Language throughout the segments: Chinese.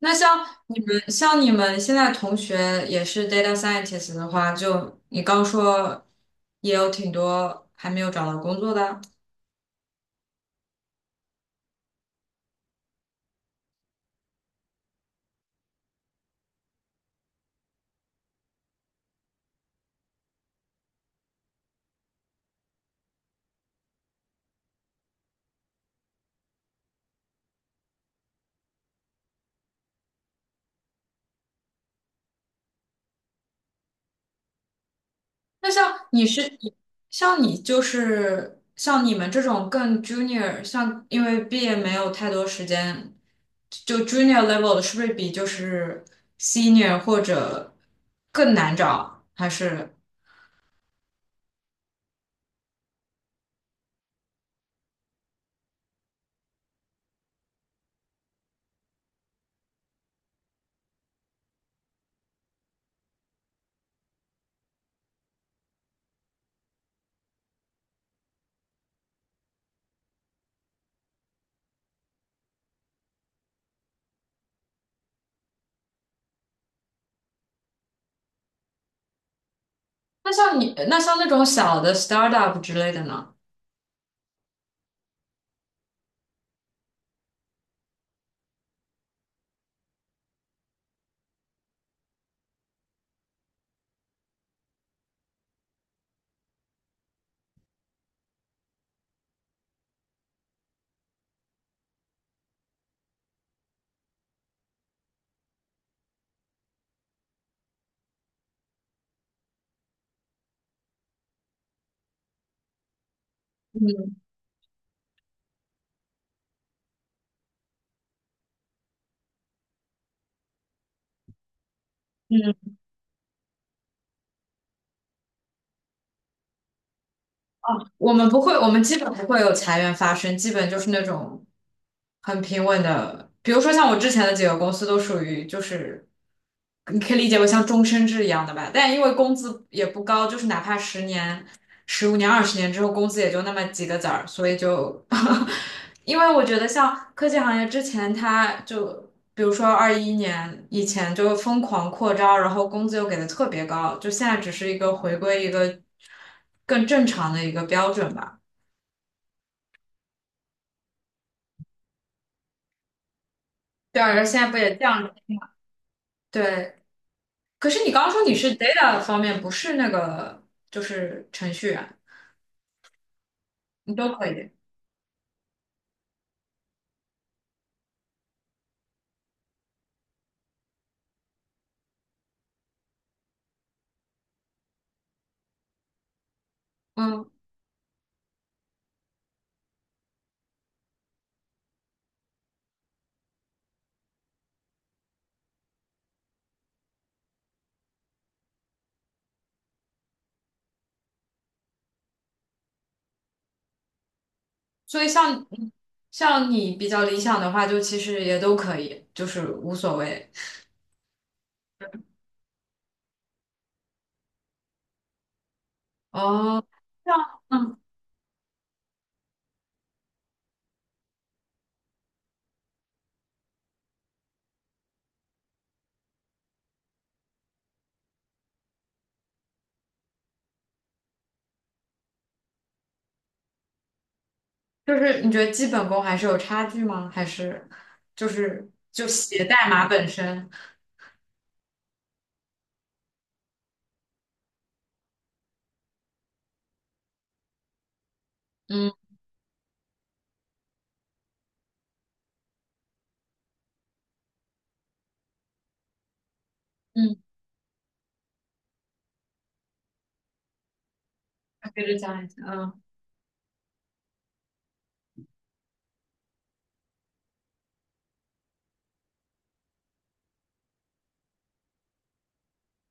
那像你们现在同学也是 data scientist 的话，就你刚说也有挺多还没有找到工作的。那像你是像你就是像你们这种更 junior，像因为毕业没有太多时间，就 junior level 的是不是比就是 senior 或者更难找？还是那像你那像那种小的 startup 之类的呢？嗯嗯。哦，我们不会，我们基本不会有裁员发生，基本就是那种很平稳的。比如说像我之前的几个公司都属于就是，你可以理解为像终身制一样的吧。但因为工资也不高，就是哪怕十年、15年、20年之后，工资也就那么几个子儿，所以就，因为我觉得像科技行业之前，他就比如说21年以前就疯狂扩招，然后工资又给的特别高，就现在只是一个回归一个。更正常的一个标准吧。对啊，现在不也降了？对，可是你刚刚说你是 data 方面，不是那个就是程序员，你都可以。嗯，所以像你比较理想的话，就其实也都可以，就是无所谓。哦，这样，嗯，就是你觉得基本功还是有差距吗？还是就是就写代码本身？嗯嗯，接着讲一下，嗯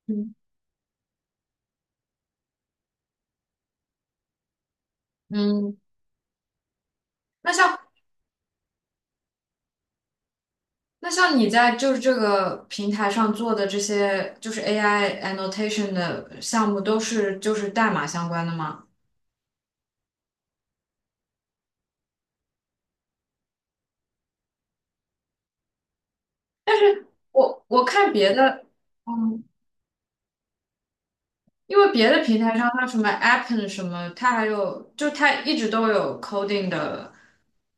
嗯嗯。那像那像你在就是这个平台上做的这些，就是 AI annotation 的项目，都是就是代码相关的吗？我看别的，嗯，因为别的平台上它什么 Appen 什么，它还有就它一直都有 coding 的，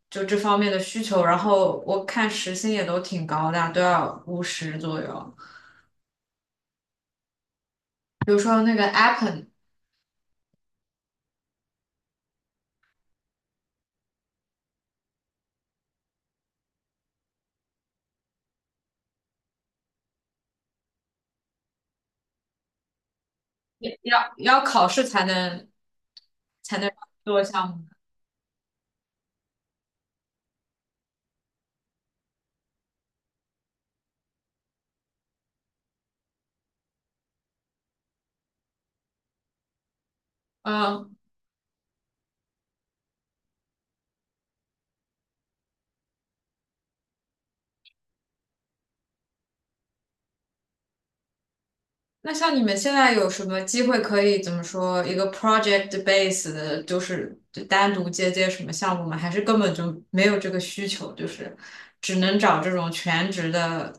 就这方面的需求。然后我看时薪也都挺高的啊，都要50左右。比如说那个 Appen 也要考试才能做项目，嗯，那像你们现在有什么机会可以怎么说一个 project base 的，就是就单独接接什么项目吗？还是根本就没有这个需求，就是只能找这种全职的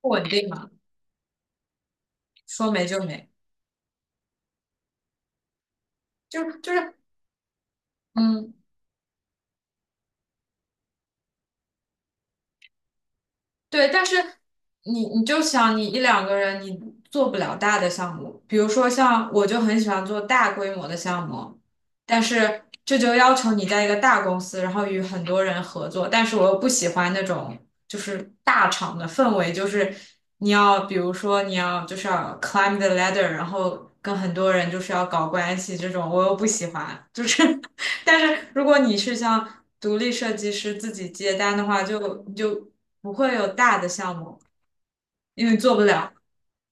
不稳定嘛，说没就没，就是嗯，对，但是你就想你一两个人你做不了大的项目，比如说像我就很喜欢做大规模的项目，但是这就要求你在一个大公司，然后与很多人合作，但是我又不喜欢那种就是大厂的氛围，就是你要比如说你要就是要 climb the ladder，然后跟很多人就是要搞关系这种，我又不喜欢，就是 但是如果你是像独立设计师自己接单的话，就不会有大的项目，因为做不了。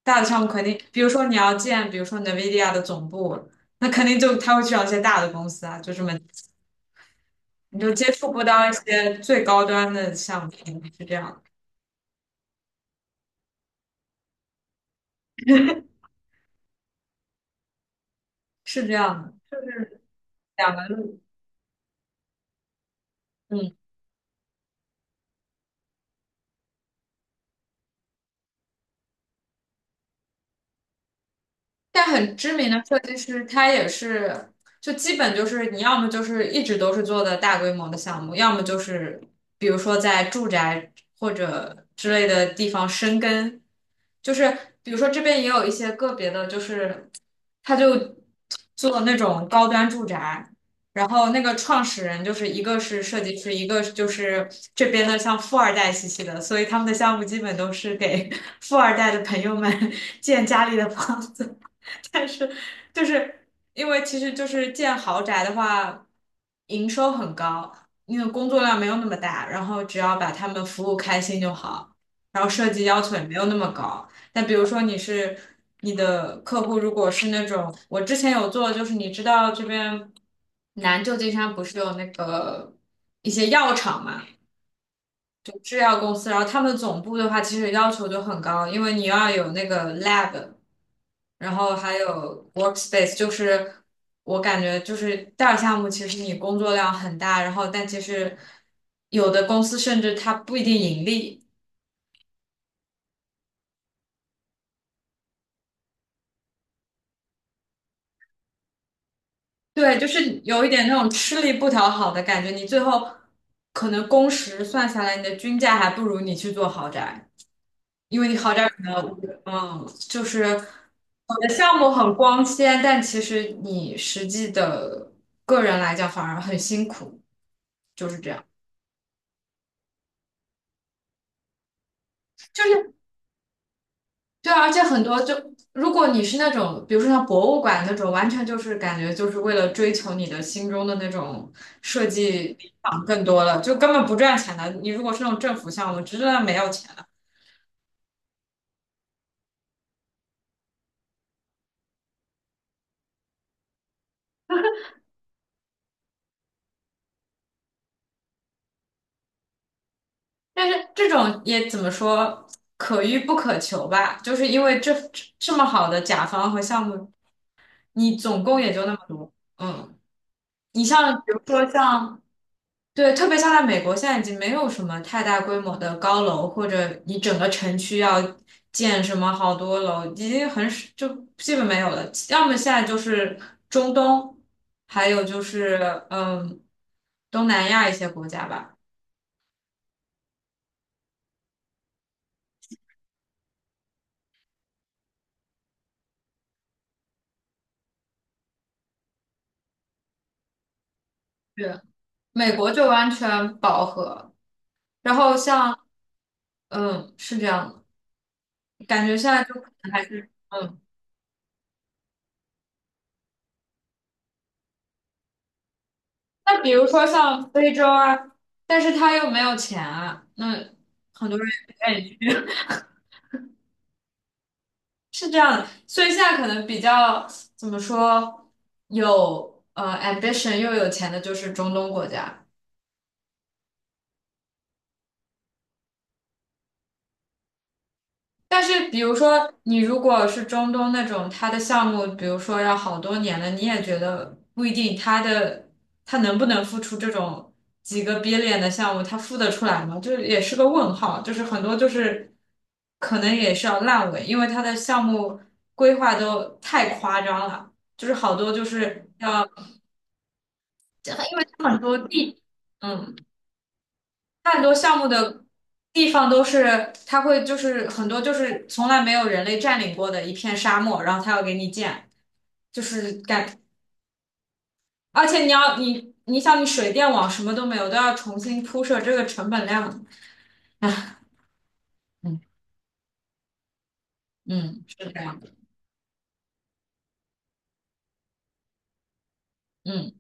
大的项目肯定，比如说你要建，比如说 NVIDIA 的总部，那肯定就他会去找一些大的公司啊，就这么你就接触不到一些最高端的项目，是这样的，是这样的，就是两个路。嗯。但很知名的设计师，他也是，就基本就是你要么就是一直都是做的大规模的项目，要么就是比如说在住宅或者之类的地方生根，就是比如说这边也有一些个别的，就是他就做那种高端住宅，然后那个创始人就是一个是设计师，一个就是这边的像富二代兮兮的，所以他们的项目基本都是给 富二代的朋友们建家里的房子。但是就是因为其实就是建豪宅的话，营收很高，因为工作量没有那么大，然后只要把他们服务开心就好，然后设计要求也没有那么高。但比如说你是你的客户，如果是那种我之前有做，就是你知道这边南旧金山不是有那个一些药厂嘛？制药公司，然后他们总部的话其实要求就很高，因为你要有那个 lab，然后还有 workspace，就是我感觉就是大项目，其实你工作量很大，然后但其实有的公司甚至它不一定盈利，对，就是有一点那种吃力不讨好的感觉，你最后可能工时算下来，你的均价还不如你去做豪宅。因为你好点儿可能，嗯，就是我的项目很光鲜，但其实你实际的个人来讲反而很辛苦，就是这样。就是对啊，而且很多就如果你是那种，比如说像博物馆那种，完全就是感觉就是为了追求你的心中的那种设计理想更多了，就根本不赚钱的。你如果是那种政府项目，直的没有钱的。但是这种也怎么说，可遇不可求吧？就是因为这么好的甲方和项目。你总共也就那么多。嗯，你像比如说像，对，特别像在美国，现在已经没有什么太大规模的高楼，或者你整个城区要建什么好多楼，已经很少，就基本没有了。要么现在就是中东，还有就是嗯东南亚一些国家吧。对，美国就完全饱和，然后像是这样的，感觉现在就可能还是。嗯。那比如说像非洲啊，但是他又没有钱啊，那很多人也不愿意去，是这样的。所以现在可能比较怎么说，有ambition 又有钱的就是中东国家。但是，比如说，你如果是中东那种，他的项目，比如说要好多年了，你也觉得不一定，他能不能付出这种几个 billion 的项目，他付得出来吗？就是也是个问号，就是很多就是可能也是要烂尾，因为他的项目规划都太夸张了，就是好多就是要，因为它很多地，嗯。它很多项目的地方都是，它会就是很多就是从来没有人类占领过的一片沙漠，然后它要给你建，就是感，而且你要你想你水电网什么都没有，都要重新铺设，这个成本量，嗯嗯，是这样的，嗯。